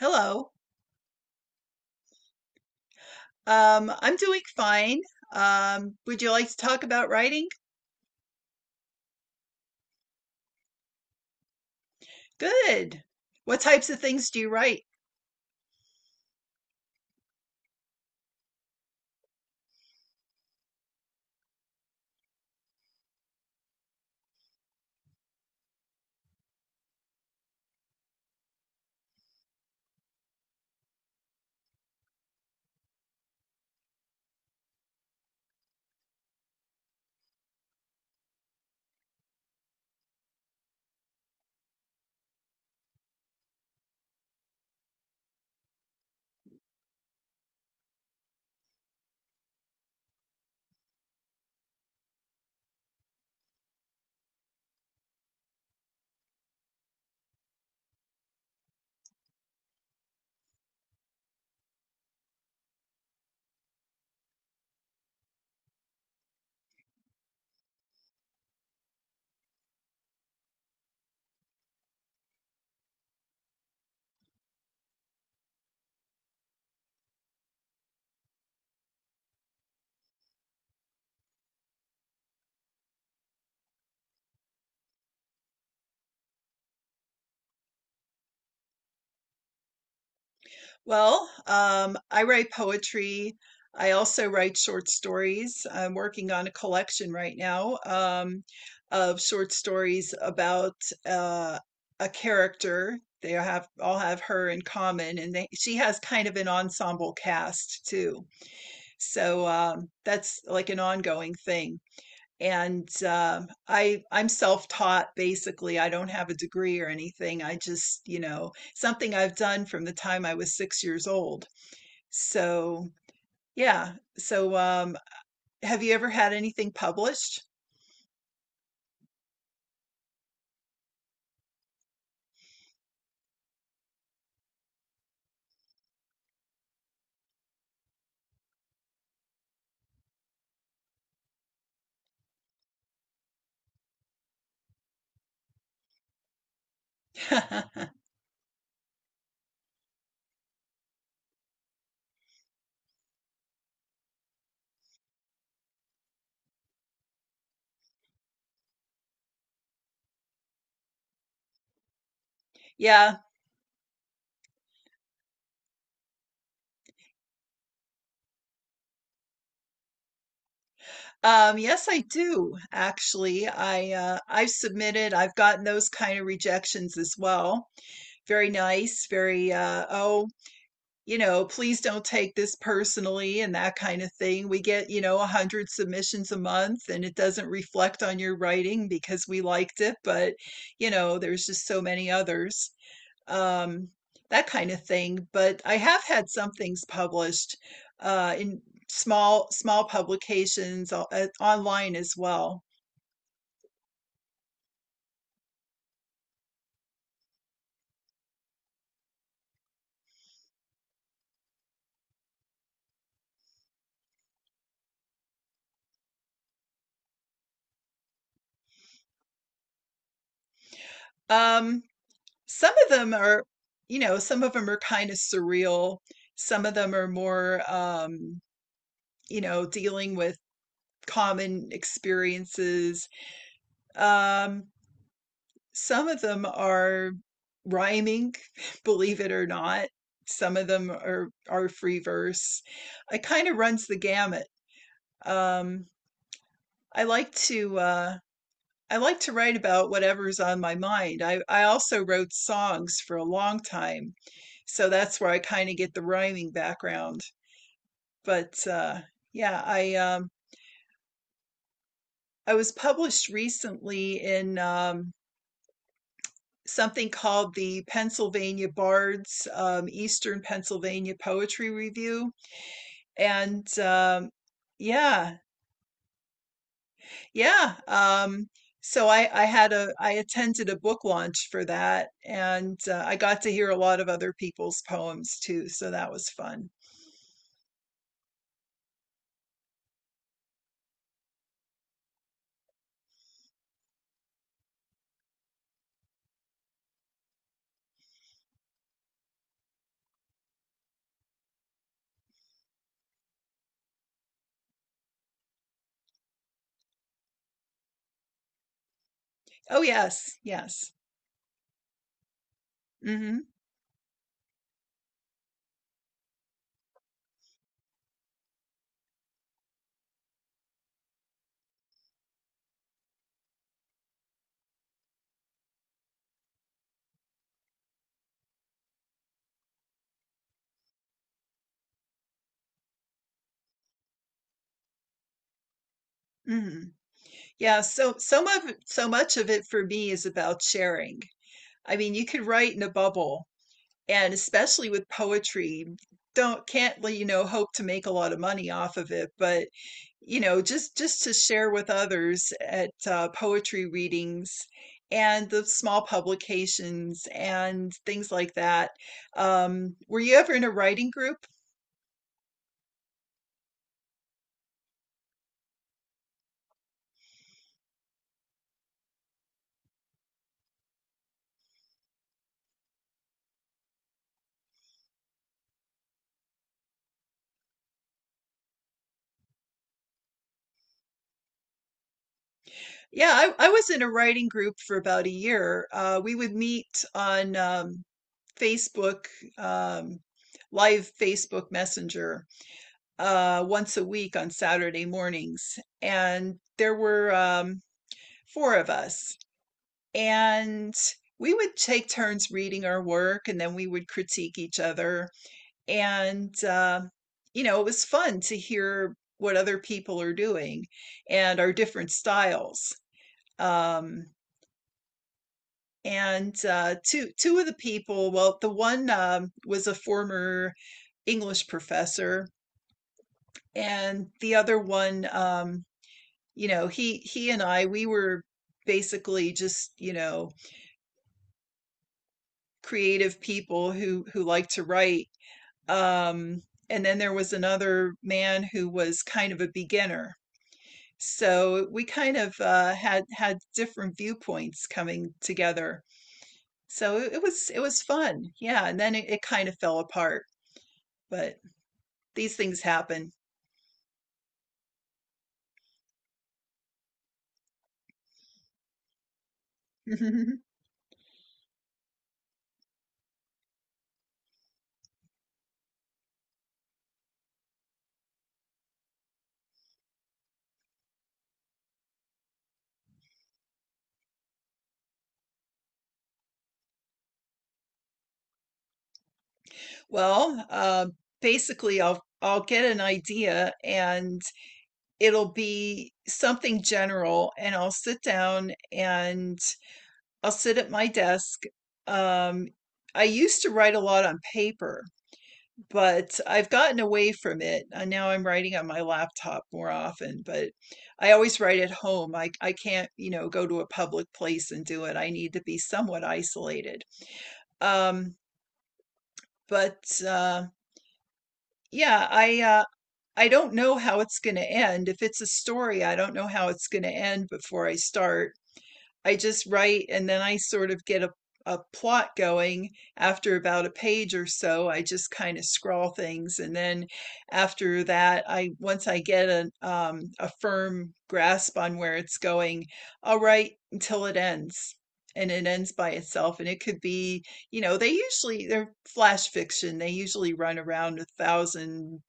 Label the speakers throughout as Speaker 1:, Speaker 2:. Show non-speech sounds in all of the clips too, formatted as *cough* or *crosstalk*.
Speaker 1: Hello. I'm doing fine. Would you like to talk about writing? Good. What types of things do you write? Well, I write poetry. I also write short stories. I'm working on a collection right now, of short stories about uh, a character. They have all have her in common, and she has kind of an ensemble cast too. So that's like an ongoing thing. And I'm self-taught basically. I don't have a degree or anything. I just, you know, something I've done from the time I was 6 years old. So yeah. So have you ever had anything published? *laughs* Yeah. Yes, I do actually. I've submitted. I've gotten those kind of rejections as well. Very nice. You know, please don't take this personally and that kind of thing. We get, you know, 100 submissions a month, and it doesn't reflect on your writing because we liked it, but, you know, there's just so many others, um, that kind of thing. But I have had some things published in small, small publications online as well. Um, some of them are, you know, some of them are kind of surreal. Some of them are more, you know, dealing with common experiences. Um, some of them are rhyming, *laughs* believe it or not. Some of them are free verse. It kind of runs the gamut. Um, I like to uh, I like to write about whatever's on my mind. I also wrote songs for a long time, so that's where I kind of get the rhyming background. But yeah, I was published recently in something called the Pennsylvania Bards Eastern Pennsylvania Poetry Review. And yeah, yeah. So I had a I attended a book launch for that, and I got to hear a lot of other people's poems too. So that was fun. Oh yes, yes. hmm hmm Yeah, so so much of it for me is about sharing. I mean, you could write in a bubble, and especially with poetry, don't can't, you know, hope to make a lot of money off of it, but, you know, just to share with others at poetry readings and the small publications and things like that. Were you ever in a writing group? I was in a writing group for about a year. We would meet on Facebook, um, live Facebook Messenger, once a week on Saturday mornings. And there were 4 of us. And we would take turns reading our work, and then we would critique each other. And, you know, it was fun to hear what other people are doing and our different styles. Um, and two of the people, well, the one, was a former English professor, and the other one, you know, he and I, we were basically, just you know, creative people who like to write, um, and then there was another man who was kind of a beginner. So we kind of, had different viewpoints coming together. So it was fun, yeah. And then it kind of fell apart, but these things happen. *laughs* Well, basically, I'll get an idea, and it'll be something general, and I'll sit down and I'll sit at my desk. Um, I used to write a lot on paper, but I've gotten away from it. And now I'm writing on my laptop more often, but I always write at home. I can't, you know, go to a public place and do it. I need to be somewhat isolated. Um, But yeah, I don't know how it's going to end. If it's a story, I don't know how it's going to end before I start. I just write, and then I sort of get a plot going after about a page or so. I just kind of scrawl things, and then after that, I once I get a firm grasp on where it's going, I'll write until it ends. And it ends by itself. And it could be, you know, they usually they're flash fiction. They usually run around 1,000,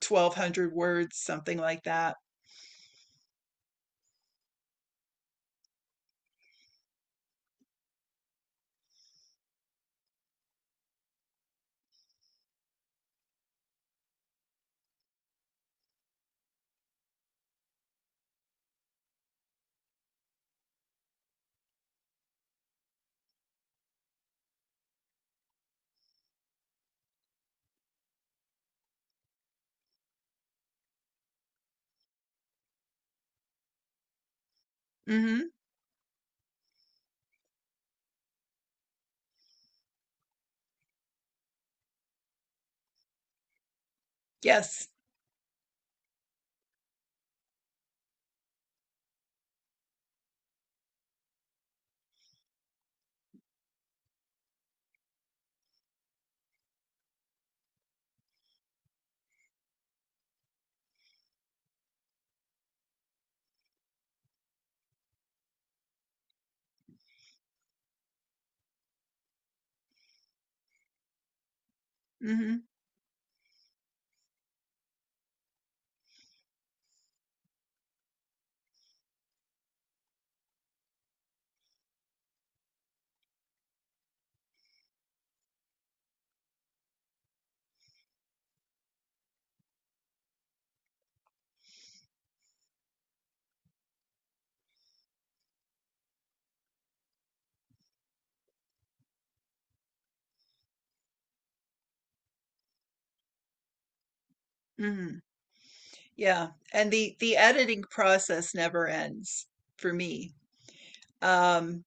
Speaker 1: 1,200 words, something like that. Mm-hmm. Yes. Mm-hmm. Mm-hmm. Yeah, and the editing process never ends for me. Um,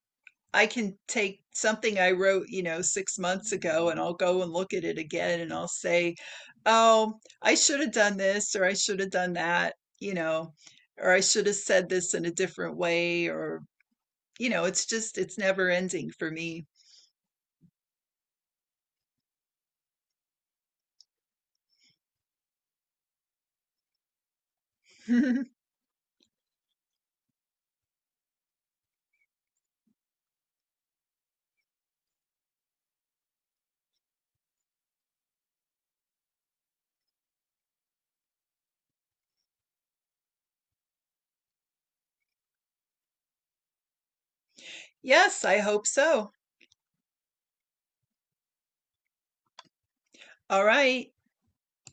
Speaker 1: I can take something I wrote, you know, 6 months ago, and I'll go and look at it again, and I'll say, "Oh, I should have done this, or I should have done that," you know, or I should have said this in a different way, or, you know, it's just it's never ending for me. *laughs* Yes, I hope so. All right.